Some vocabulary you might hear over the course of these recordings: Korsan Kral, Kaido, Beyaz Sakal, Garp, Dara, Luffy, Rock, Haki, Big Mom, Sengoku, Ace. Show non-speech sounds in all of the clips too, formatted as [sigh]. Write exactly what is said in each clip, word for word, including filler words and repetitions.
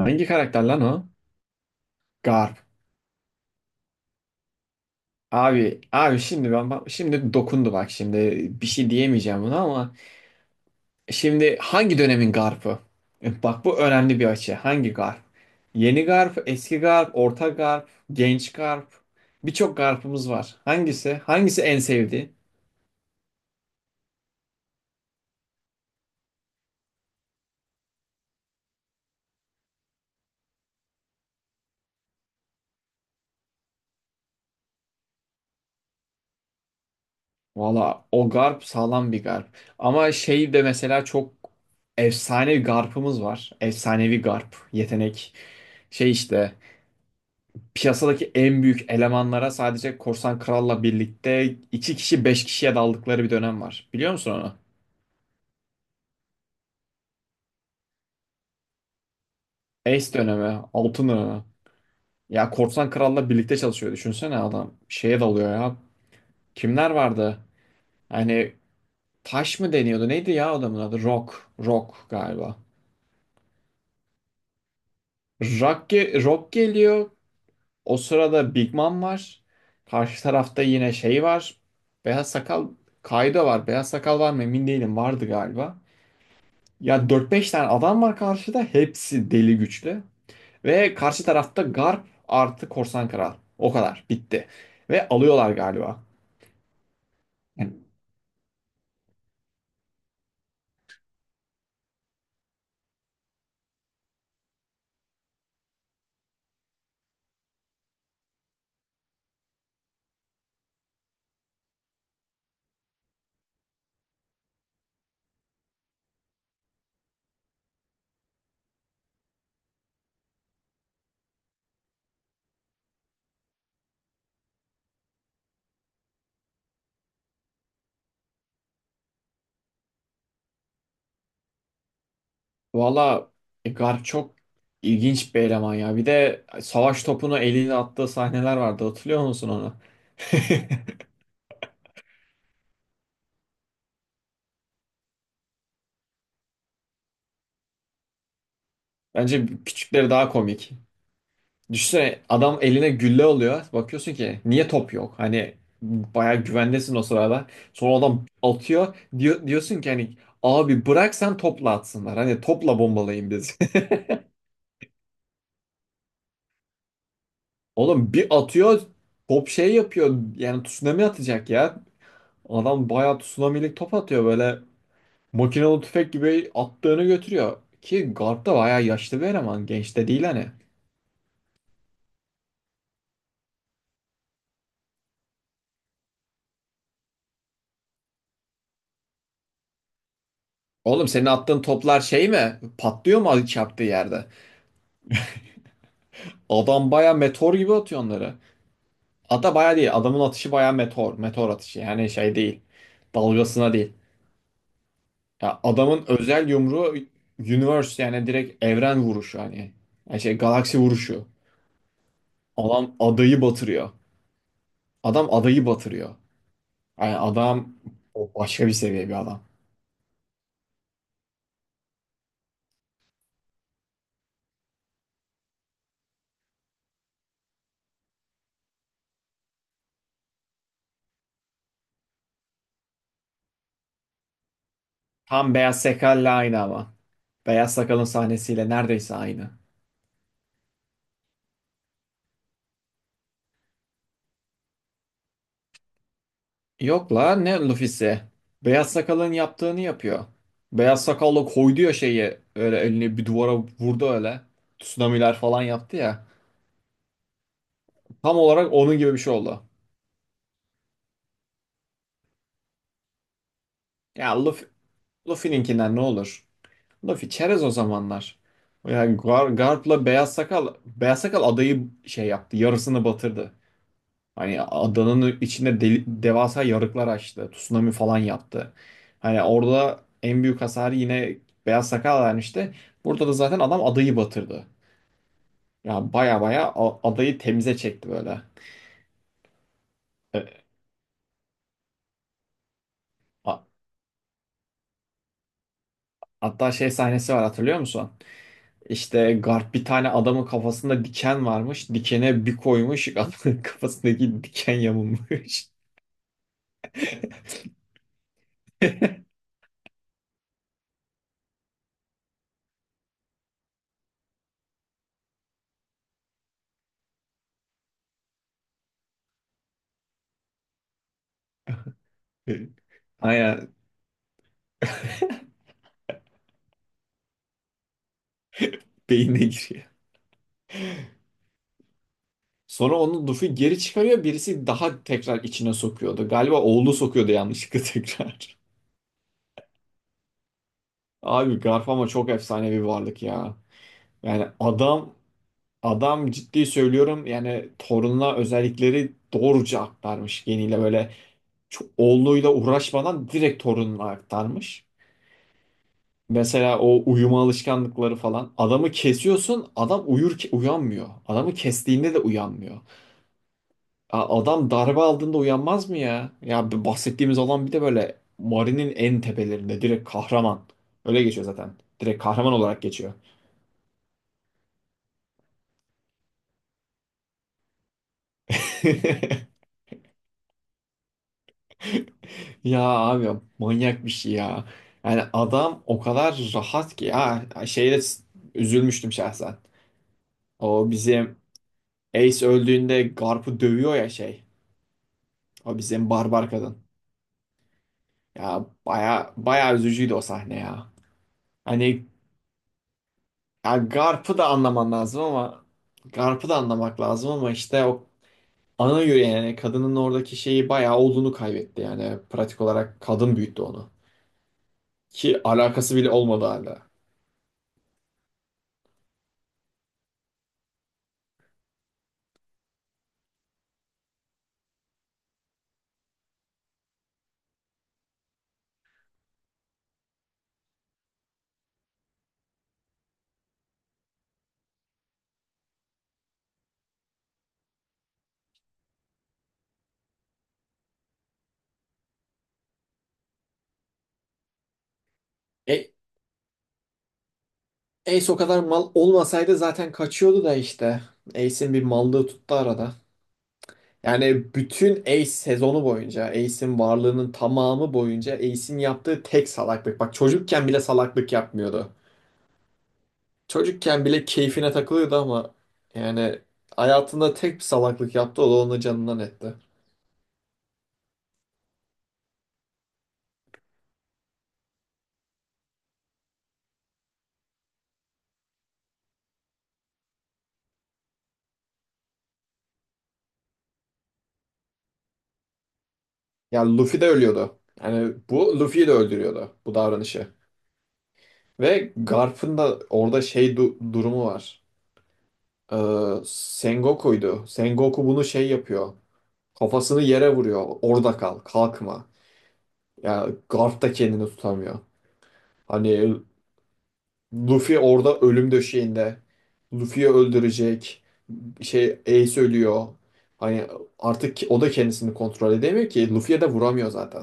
Hangi karakter lan o? Garp. Abi, abi şimdi ben bak- şimdi dokundu, bak, şimdi bir şey diyemeyeceğim buna ama şimdi hangi dönemin Garp'ı? E, bak bu önemli bir açı. Hangi Garp? Yeni Garp, eski Garp, orta Garp, genç Garp. Birçok Garp'ımız var. Hangisi? Hangisi en sevdiği? Valla o Garp sağlam bir Garp. Ama şey de mesela çok efsane bir Garp'ımız var. Efsanevi Garp. Yetenek. Şey işte. Piyasadaki en büyük elemanlara sadece Korsan Kral'la birlikte iki kişi beş kişiye daldıkları bir dönem var. Biliyor musun onu? Ace dönemi, altın dönemi. Ya Korsan Kral'la birlikte çalışıyor. Düşünsene adam şeye dalıyor ya. Kimler vardı? Hani taş mı deniyordu? Neydi ya adamın adı? Rock. Rock galiba. Rock, ge- Rock geliyor. O sırada Big Mom var. Karşı tarafta yine şey var. Beyaz Sakal, Kaido var. Beyaz Sakal var mı emin değilim. Vardı galiba. Ya dört beş tane adam var karşıda. Hepsi deli güçlü. Ve karşı tarafta Garp artı Korsan Kral. O kadar. Bitti. Ve alıyorlar galiba. Yani, valla, e, Garp çok ilginç bir eleman ya. Bir de savaş topunu eliyle attığı sahneler vardı. Hatırlıyor musun onu? [laughs] Bence küçükleri daha komik. Düşünsene adam eline gülle alıyor. Bakıyorsun ki niye top yok? Hani bayağı güvendesin o sırada. Sonra adam atıyor. Diyor, diyorsun ki hani abi bırak sen topla atsınlar. Hani topla bombalayın biz. [laughs] Oğlum bir atıyor top şey yapıyor. Yani tsunami atacak ya. Adam bayağı tsunamilik top atıyor böyle. Makinalı tüfek gibi attığını götürüyor. Ki guard da bayağı yaşlı bir eleman. Genç de değil hani. Oğlum senin attığın toplar şey mi? Patlıyor mu çarptığı yerde? Adam baya meteor gibi atıyor onları. Hatta baya değil. Adamın atışı baya meteor. Meteor atışı. Yani şey değil. Dalgasına değil. Ya adamın özel yumruğu universe, yani direkt evren vuruşu hani. Yani şey galaksi vuruşu. Adam adayı batırıyor. Adam adayı batırıyor. Yani adam o başka bir seviye bir adam. Tam Beyaz Sakal'la aynı ama. Beyaz Sakal'ın sahnesiyle neredeyse aynı. Yok la, ne Luffy'si? Beyaz Sakal'ın yaptığını yapıyor. Beyaz Sakal'la koydu ya şeyi, öyle elini bir duvara vurdu öyle. Tsunami'ler falan yaptı ya. Tam olarak onun gibi bir şey oldu. Ya Luffy, Luffy'ninkinden ne olur? Luffy çerez o zamanlar. Ya Gar- Garp'la Beyaz Sakal Beyaz Sakal adayı şey yaptı, yarısını batırdı. Hani adanın içinde deli- devasa yarıklar açtı. Tsunami falan yaptı. Hani orada en büyük hasarı yine Beyaz Sakal vermişti. Burada da zaten adam adayı batırdı. Ya baya baya a- adayı temize çekti böyle. E, a- hatta şey sahnesi var, hatırlıyor musun? İşte Garp, bir tane adamın kafasında diken varmış. Dikene bir koymuş. [laughs] Adamın kafasındaki diken yamulmuş. [laughs] Aynen, beynine giriyor. Sonra onu Luffy geri çıkarıyor. Birisi daha tekrar içine sokuyordu. Galiba oğlu sokuyordu yanlışlıkla [laughs] tekrar. Abi Garp ama çok efsane bir varlık ya. Yani adam adam ciddi söylüyorum, yani torununa özellikleri doğruca aktarmış, geniyle böyle çok, oğluyla uğraşmadan direkt torununa aktarmış. Mesela o uyuma alışkanlıkları falan. Adamı kesiyorsun, adam uyur, uyanmıyor. Adamı kestiğinde de uyanmıyor. A- Adam darbe aldığında uyanmaz mı ya? Ya bu bahsettiğimiz olan bir de böyle Mari'nin en tepelerinde direkt kahraman. Öyle geçiyor zaten. Direkt kahraman olarak geçiyor. [laughs] Ya abi manyak bir şey ya. Yani adam o kadar rahat ki ya, şeyde s- üzülmüştüm şahsen. O bizim Ace öldüğünde Garp'ı dövüyor ya şey. O bizim barbar kadın. Ya baya baya üzücüydü o sahne ya. Hani, yani Garp'ı da anlaman lazım ama Garp'ı da anlamak lazım, ama işte o ana yüreği, yani kadının oradaki şeyi bayağı olduğunu kaybetti, yani pratik olarak kadın büyüttü onu. Ki alakası bile olmadı hala. E, Ace o kadar mal olmasaydı zaten kaçıyordu da işte. Ace'in bir mallığı tuttu arada. Yani bütün Ace sezonu boyunca, Ace'in varlığının tamamı boyunca Ace'in yaptığı tek salaklık. Bak çocukken bile salaklık yapmıyordu. Çocukken bile keyfine takılıyordu ama yani hayatında tek bir salaklık yaptı, o da onu canından etti. Ya Luffy de ölüyordu. Yani bu Luffy'yi de öldürüyordu bu davranışı. Ve Garp'ın da orada şey du- durumu var. Ee, Sengoku'ydu. Sengoku bunu şey yapıyor. Kafasını yere vuruyor. Orada kal, kalkma. Ya Garp da kendini tutamıyor. Hani Luffy orada ölüm döşeğinde. Luffy'yi öldürecek. Şey, Ace ölüyor. Hani artık o da kendisini kontrol edemiyor ki. Luffy'ye de vuramıyor zaten.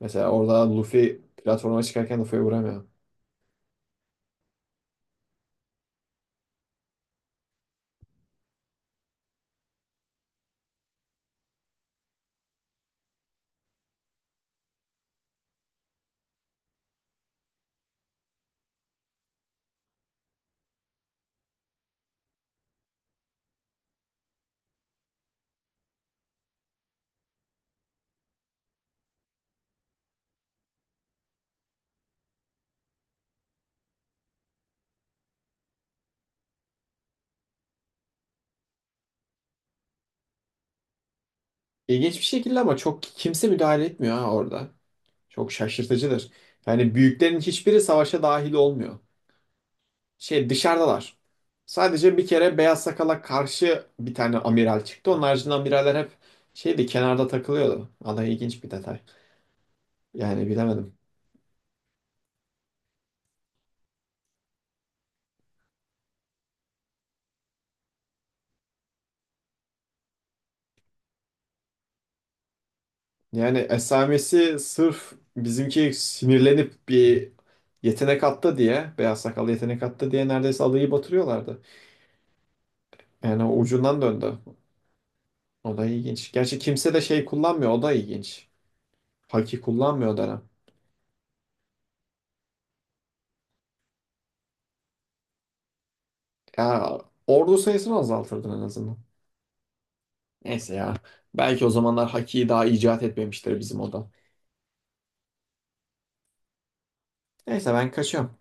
Mesela orada Luffy platforma çıkarken Luffy'ye vuramıyor. İlginç bir şekilde ama çok kimse müdahale etmiyor ha orada. Çok şaşırtıcıdır. Yani büyüklerin hiçbiri savaşa dahil olmuyor. Şey, dışarıdalar. Sadece bir kere Beyaz Sakal'a karşı bir tane amiral çıktı. Onun haricinde amiraller hep şeydi, kenarda takılıyordu. Vallahi ilginç bir detay. Yani bilemedim. Yani esamesi sırf bizimki sinirlenip bir yetenek attı diye, beyaz sakallı yetenek attı diye neredeyse adayı batırıyorlardı. Yani o ucundan döndü. O da ilginç. Gerçi kimse de şey kullanmıyor. O da ilginç. Haki kullanmıyor Dara. Ya ordu sayısını azaltırdın en azından. Neyse ya. Belki o zamanlar Haki'yi daha icat etmemiştir bizim o da. Neyse ben kaçıyorum.